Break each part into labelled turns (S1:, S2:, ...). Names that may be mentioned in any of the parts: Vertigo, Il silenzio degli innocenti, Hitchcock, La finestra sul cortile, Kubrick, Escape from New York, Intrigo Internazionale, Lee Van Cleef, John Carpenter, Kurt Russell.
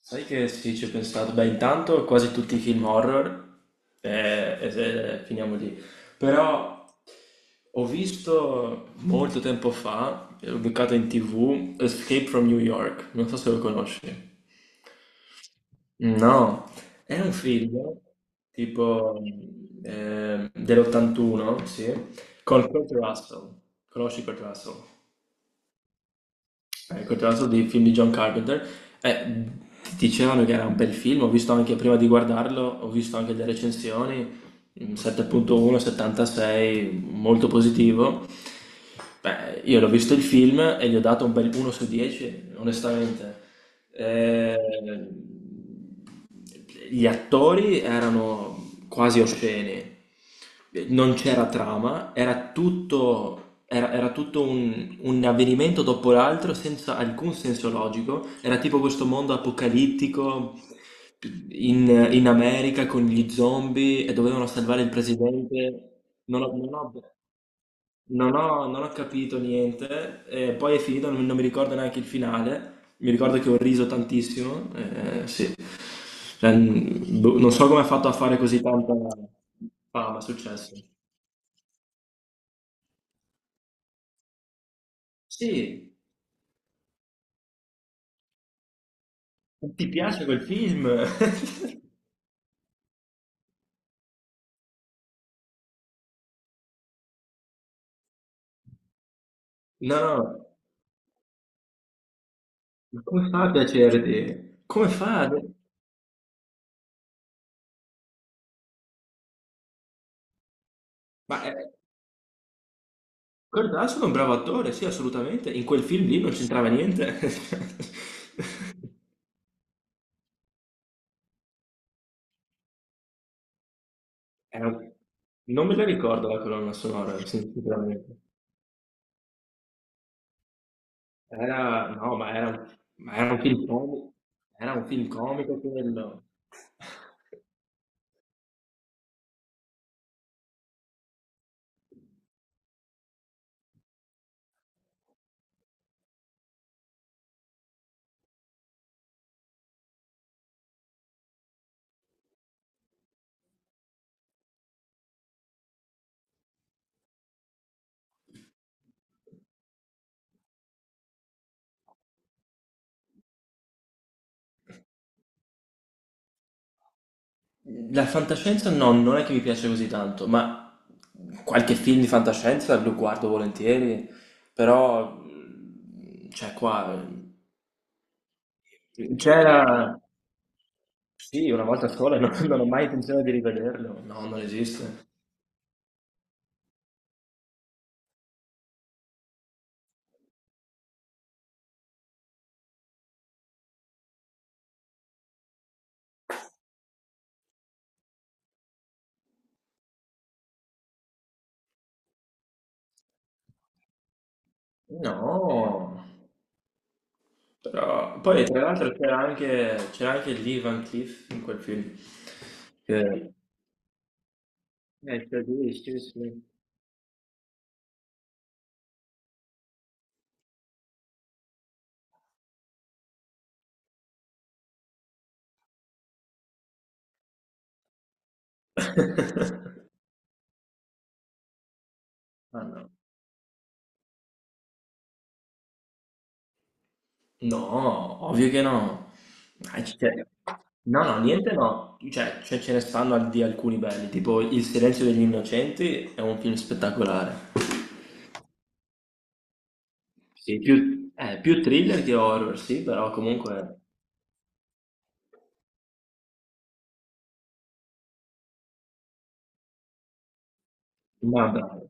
S1: Sai che sì, ci ho pensato. Beh, intanto quasi tutti i film horror, finiamo lì. Però ho visto molto tempo fa, l'ho beccato in TV, Escape from New York, non so se lo conosci. No, è un film tipo dell'81, sì, con Kurt Russell. Conosci Kurt Russell? Continuando dei film di John Carpenter, eh, dicevano che era un bel film, ho visto anche prima di guardarlo, ho visto anche le recensioni, 7.1, 76, molto positivo. Beh, io l'ho visto il film e gli ho dato un bel 1 su 10, onestamente. Eh, gli attori erano quasi osceni, non c'era trama, era tutto, era tutto un avvenimento dopo l'altro senza alcun senso logico, era tipo questo mondo apocalittico in America con gli zombie e dovevano salvare il presidente. Non ho, non ho- non ho capito niente, e poi è finito, non mi ricordo neanche il finale, mi ricordo che ho riso tantissimo, sì. Cioè, boh, non so come ha fatto a fare così tanta fama, successo. Sì, ti piace quel film? No, no, ma come fa a piacerti? Come fa? Ma Kurt Russell è un bravo attore, sì, assolutamente, in quel film lì non c'entrava niente. Era un- Non me la ricordo la colonna sonora, sinceramente. Era, no, ma era un film comico, era un film comico quello. La fantascienza no, non è che mi piace così tanto, ma qualche film di fantascienza lo guardo volentieri, però, cioè qua, c'era, sì, una volta sola, non ho mai intenzione di rivederlo, no, non esiste. No. Poi tra l'altro c'era anche Lee Van Cleef in quel film. Che... c'è lui, sì, sì. Ah, no. No, ovvio che no. Ah, cioè, no, no, niente no. Cioè, ce ne stanno di alcuni belli, tipo Il silenzio degli innocenti è un film spettacolare. Sì, più thriller che horror, sì, però comunque. Ma bravo.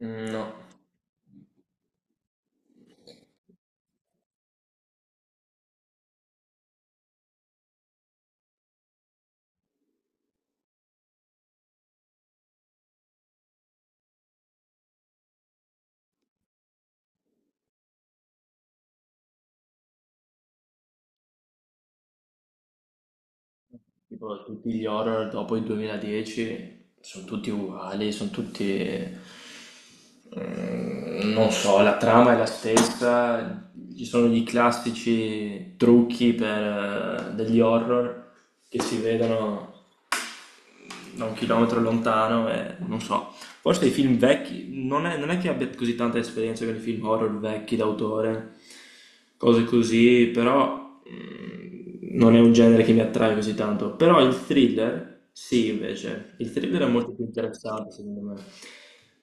S1: Mm, no. Tipo tutti gli horror dopo il 2010 sono tutti uguali, non so, la trama è la stessa, ci sono gli classici trucchi per, degli horror che si vedono da un chilometro lontano e non so, forse i film vecchi, non è che abbia così tanta esperienza con i film horror vecchi d'autore, cose così, però non è un genere che mi attrae così tanto. Però il thriller, sì, invece, il thriller è molto più interessante secondo me.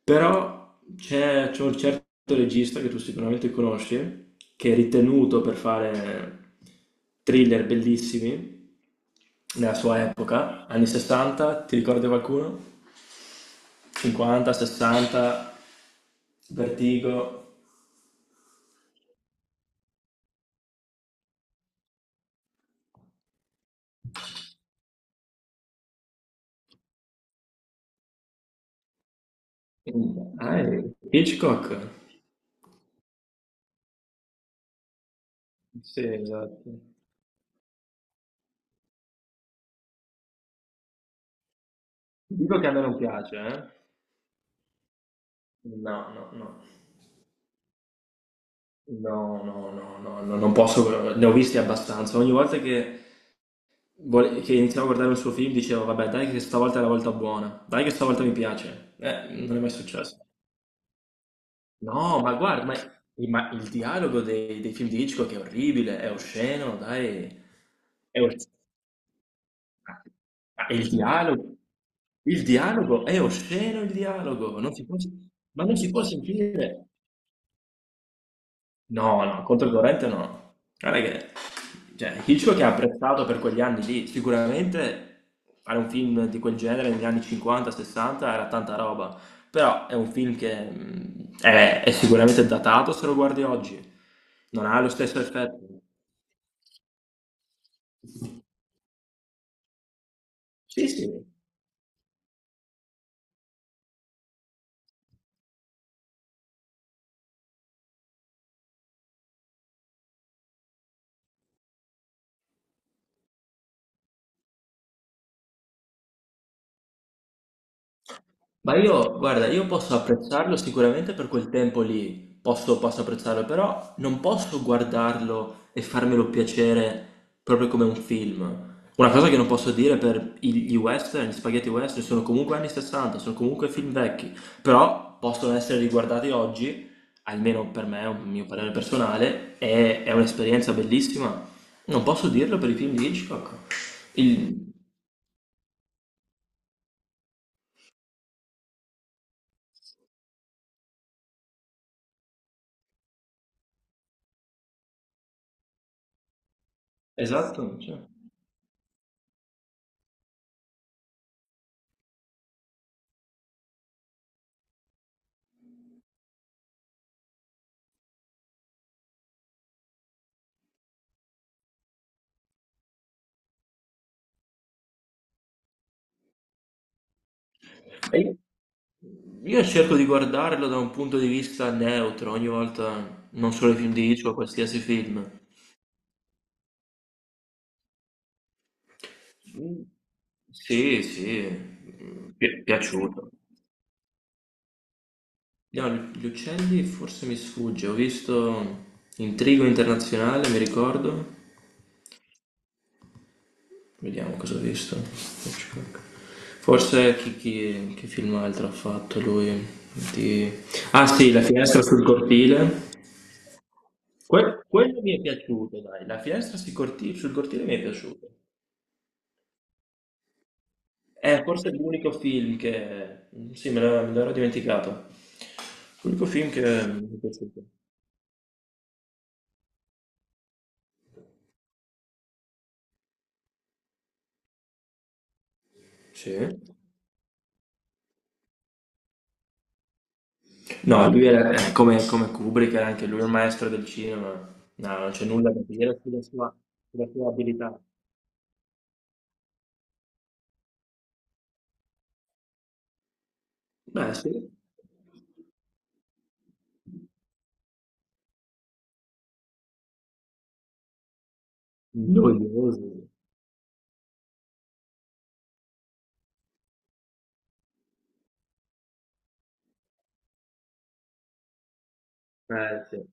S1: Però c'è un certo regista che tu sicuramente conosci, che è ritenuto per fare thriller bellissimi nella sua epoca, anni 60, ti ricordi qualcuno? 50, 60, Vertigo. Ah, Hitchcock? Sì, esatto. Dico che a me non piace, eh? No, no, no. No, no, no, no, no, non posso, ne ho visti abbastanza. Ogni volta che iniziavo a guardare un suo film dicevo, vabbè, dai che stavolta è la volta buona, dai che stavolta mi piace. Non è mai successo. No, ma guarda, ma il dialogo dei film di Hitchcock è orribile, è osceno, dai. È osceno. Ma il dialogo, il dialogo è osceno il dialogo, non si può, ma non si può sentire. No, no, contro il corrente no. Guarda che cioè, Hitchcock è apprezzato per quegli anni lì, sicuramente fare un film di quel genere negli anni 50-60 era tanta roba, però è un film che è sicuramente datato se lo guardi oggi, non ha lo stesso effetto. Sì, sì. Ma io, guarda, io posso apprezzarlo sicuramente per quel tempo lì, posso apprezzarlo, però non posso guardarlo e farmelo piacere proprio come un film. Una cosa che non posso dire per gli western, gli spaghetti western, sono comunque anni 60, sono comunque film vecchi, però possono essere riguardati oggi, almeno per me, è un mio parere personale, è un'esperienza bellissima. Non posso dirlo per i film di Hitchcock. Il- Esatto, cioè. Io cerco di guardarlo da un punto di vista neutro ogni volta, non solo i film di Hitchcock, qualsiasi film. Mm, sì, sì, piaciuto. No, gli uccelli forse mi sfugge, ho visto Intrigo Internazionale, mi ricordo. Vediamo cosa ho visto. Hitchcock. Forse che film altro ha fatto lui? Di- Ah, sì, La finestra sul cortile. Quello mi è piaciuto, dai. La finestra sul cortile mi è piaciuto. È forse l'unico film. Sì, me l'ero dimenticato. L'unico film che mi è piaciuto. Sì. No, lui era, come Kubrick, era anche lui un maestro del cinema. No, non c'è nulla da dire sulla sua abilità. Beh, sì. Noioso. Sì.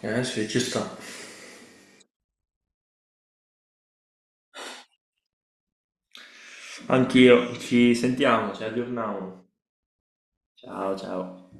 S1: Sì, ci sta. Anch'io. Ci sentiamo, ci aggiorniamo. Ciao, ciao.